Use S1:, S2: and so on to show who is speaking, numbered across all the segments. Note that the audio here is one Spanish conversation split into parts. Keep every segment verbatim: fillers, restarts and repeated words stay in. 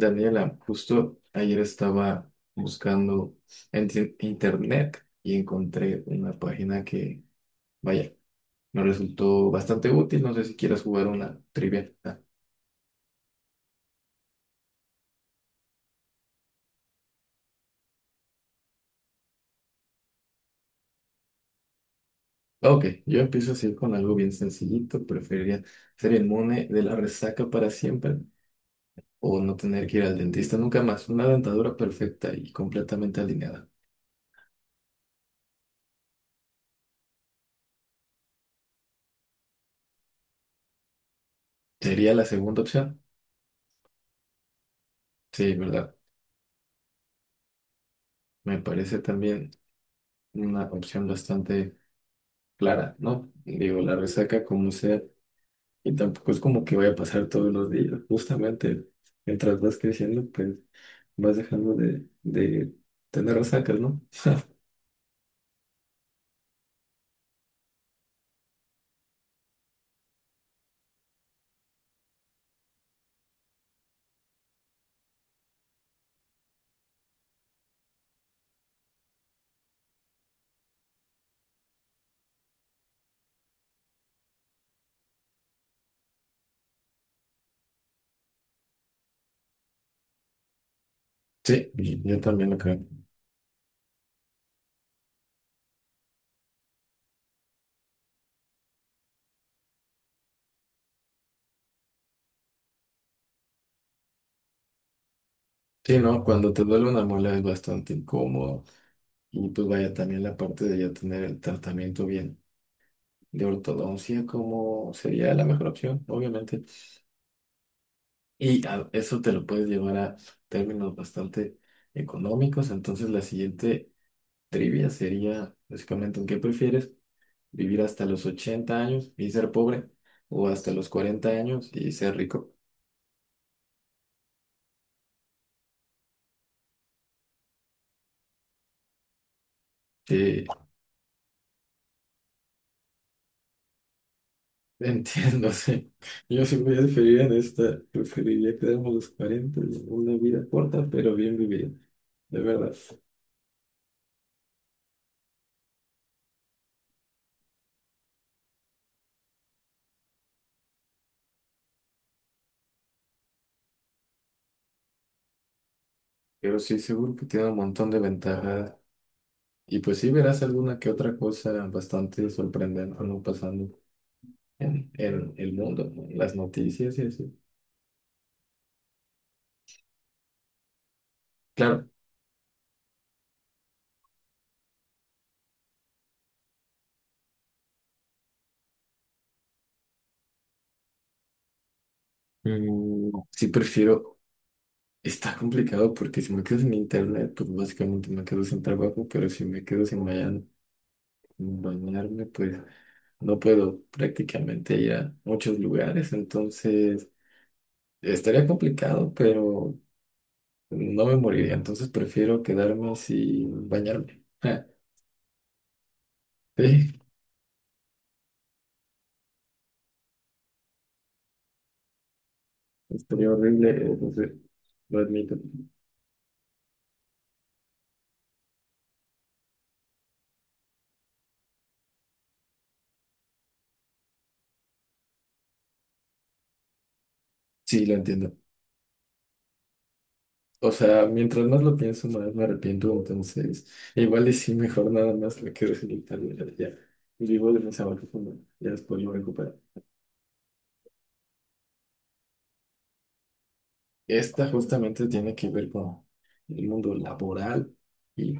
S1: Daniela, justo ayer estaba buscando en ti- internet y encontré una página que, vaya, me resultó bastante útil. No sé si quieras jugar una trivia. Ah, ok, yo empiezo así con algo bien sencillito. Preferiría ser inmune de la resaca para siempre o no tener que ir al dentista nunca más. Una dentadura perfecta y completamente alineada. ¿Sería la segunda opción? Sí, ¿verdad? Me parece también una opción bastante clara, ¿no? Digo, la resaca como sea, y tampoco es como que vaya a pasar todos los días. Justamente, mientras vas creciendo, pues vas dejando de, de tener resacas, ¿no? Sí, y yo también lo creo. Sí, no, cuando te duele una muela es bastante incómodo. Y pues vaya también la parte de ya tener el tratamiento bien de ortodoncia como sería la mejor opción, obviamente. Y a- eso te lo puedes llevar a términos bastante económicos. Entonces la siguiente trivia sería básicamente, ¿en ¿qué prefieres? ¿Vivir hasta los ochenta años y ser pobre? ¿O hasta los cuarenta años y ser rico? Sí, entiendo, sí. Yo sí voy a diferir en esta. Preferiría quedarme a los cuarenta, una vida corta, pero bien vivida, de verdad. Pero sí, seguro que tiene un montón de ventajas. Y pues sí verás alguna que otra cosa bastante sorprendente, ¿no? Pasando en, en el mundo, ¿no? En las noticias y así. Claro, mm, sí prefiero. Está complicado porque si me quedo sin internet, pues básicamente me quedo sin trabajo, pero si me quedo sin bañar- bañarme, pues no puedo prácticamente ir a muchos lugares, entonces estaría complicado, pero no me moriría, entonces prefiero quedarme sin bañarme. Ja, sí, estaría horrible, entonces lo admito. Sí, lo entiendo. O sea, mientras más lo pienso, más me arrepiento. Entonces, igual y sí, mejor nada más me quedo sin internet. Ya vivo de mis abajo, ya después lo recupero. Esta justamente tiene que ver con el mundo laboral y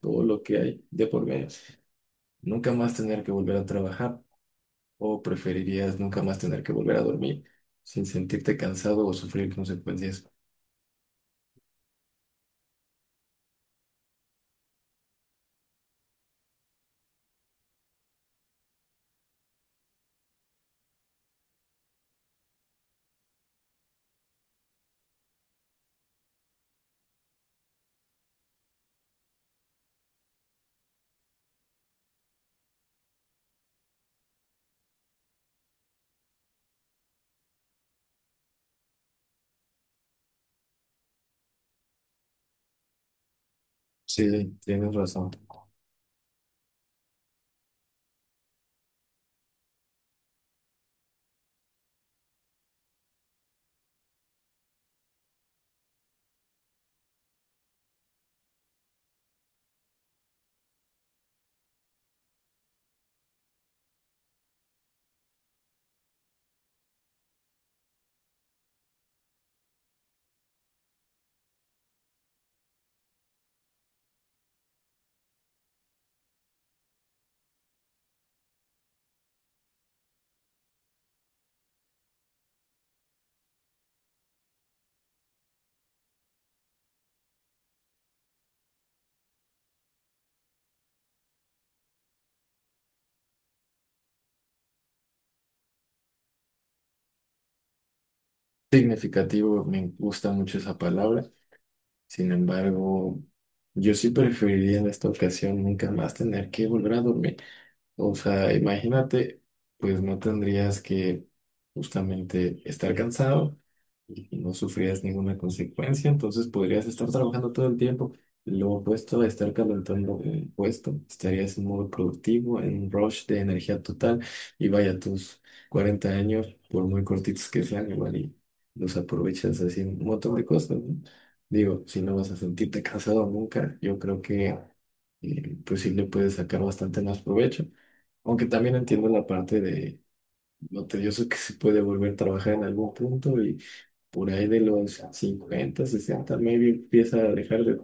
S1: todo lo que hay de por medio. Nunca más tener que volver a trabajar, o preferirías nunca más tener que volver a dormir sin sentirte cansado o sufrir consecuencias. Sí, tienes razón. Significativo, me gusta mucho esa palabra. Sin embargo, yo sí preferiría en esta ocasión nunca más tener que volver a dormir. O sea, imagínate, pues no tendrías que justamente estar cansado y no sufrirías ninguna consecuencia, entonces podrías estar trabajando todo el tiempo. Lo opuesto a estar calentando un puesto, estarías en modo productivo, en un rush de energía total y vaya tus cuarenta años, por muy cortitos que sean, igual y los aprovechas haciendo un montón de cosas, ¿no? Digo, si no vas a sentirte cansado nunca, yo creo que eh, pues sí le puedes sacar bastante más provecho. Aunque también entiendo la parte de lo tedioso que se puede volver a trabajar en algún punto y por ahí de los cincuenta sesenta maybe empieza a dejar de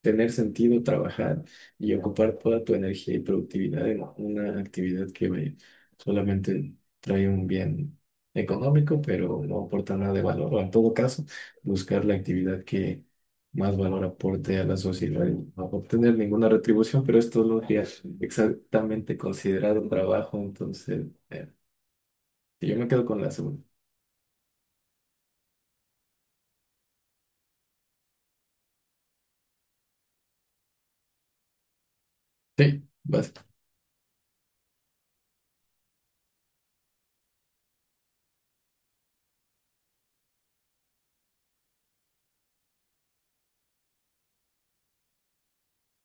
S1: tener sentido, trabajar y ocupar toda tu energía y productividad en una actividad que me- solamente trae un bien económico, pero no aporta nada de valor, o en todo caso, buscar la actividad que más valor aporte a la sociedad y no obtener ninguna retribución, pero esto no sería exactamente considerado un trabajo, entonces eh, yo me quedo con la segunda. Sí, vas.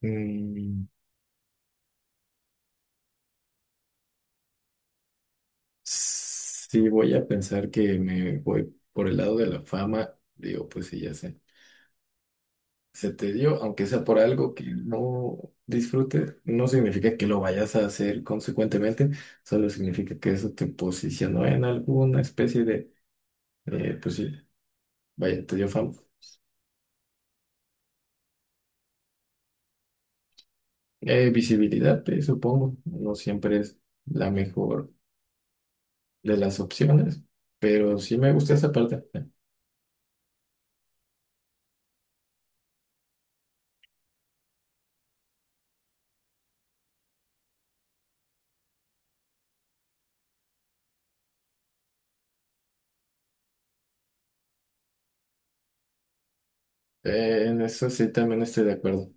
S1: Mm, sí, voy a pensar que me voy por el lado de la fama. Digo, pues sí, ya sé. Se te dio, aunque sea por algo que no disfrutes, no significa que lo vayas a hacer consecuentemente, solo significa que eso te posicionó en alguna especie de, eh, pues sí, vaya, te dio fama. Eh, visibilidad, eh, supongo, no siempre es la mejor de las opciones, pero sí me gusta esa parte. Eh, en eso sí también estoy de acuerdo.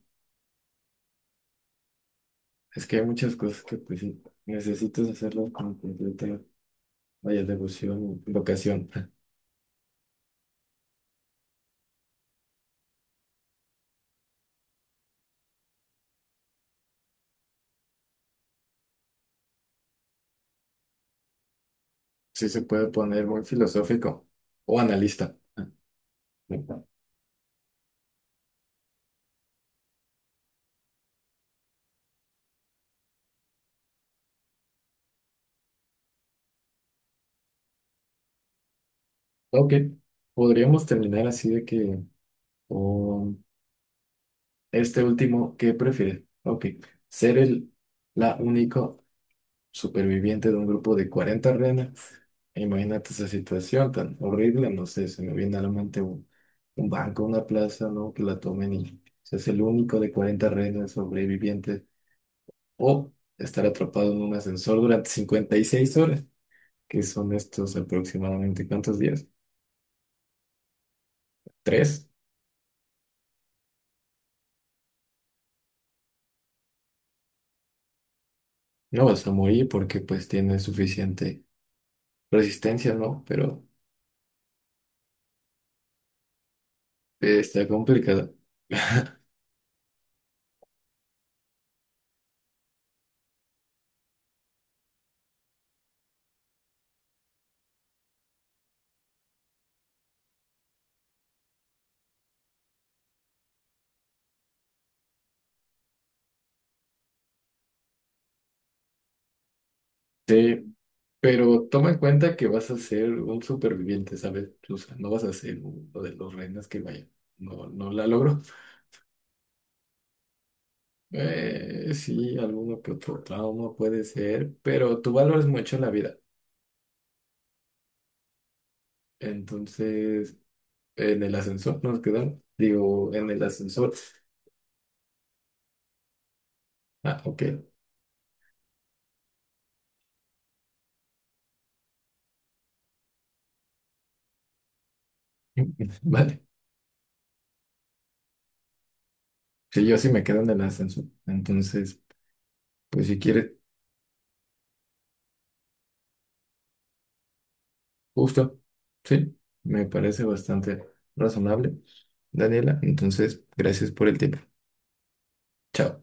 S1: Es que hay muchas cosas que pues sí, necesitas hacerlas con completa, vaya, devoción y vocación. Sí se puede poner muy filosófico o analista. Ok, podríamos terminar así de que con este último, ¿qué prefieres? Ok, ser el la única superviviente de un grupo de cuarenta renas. Imagínate esa situación tan horrible, no sé, se me viene a la mente un, un banco, una plaza, ¿no? Que la tomen y seas el único de cuarenta renas sobrevivientes o estar atrapado en un ascensor durante cincuenta y seis horas, que son estos aproximadamente, ¿cuántos días? ¿Tres? No vas a morir porque pues tienes suficiente resistencia, ¿no? Pero eh, está complicado. Sí, pero toma en cuenta que vas a ser un superviviente, ¿sabes? O sea, no vas a ser uno de los reinas que vaya. No, no la logro. Eh, sí, alguno que otro trauma puede ser, pero tú valoras mucho la vida. Entonces, en el ascensor nos quedamos. Digo, en el ascensor. Ah, ok. Vale. Sí, yo sí me quedo en el ascensor. Entonces, pues si quieres, justo. Sí, me parece bastante razonable, Daniela. Entonces, gracias por el tiempo. Chao.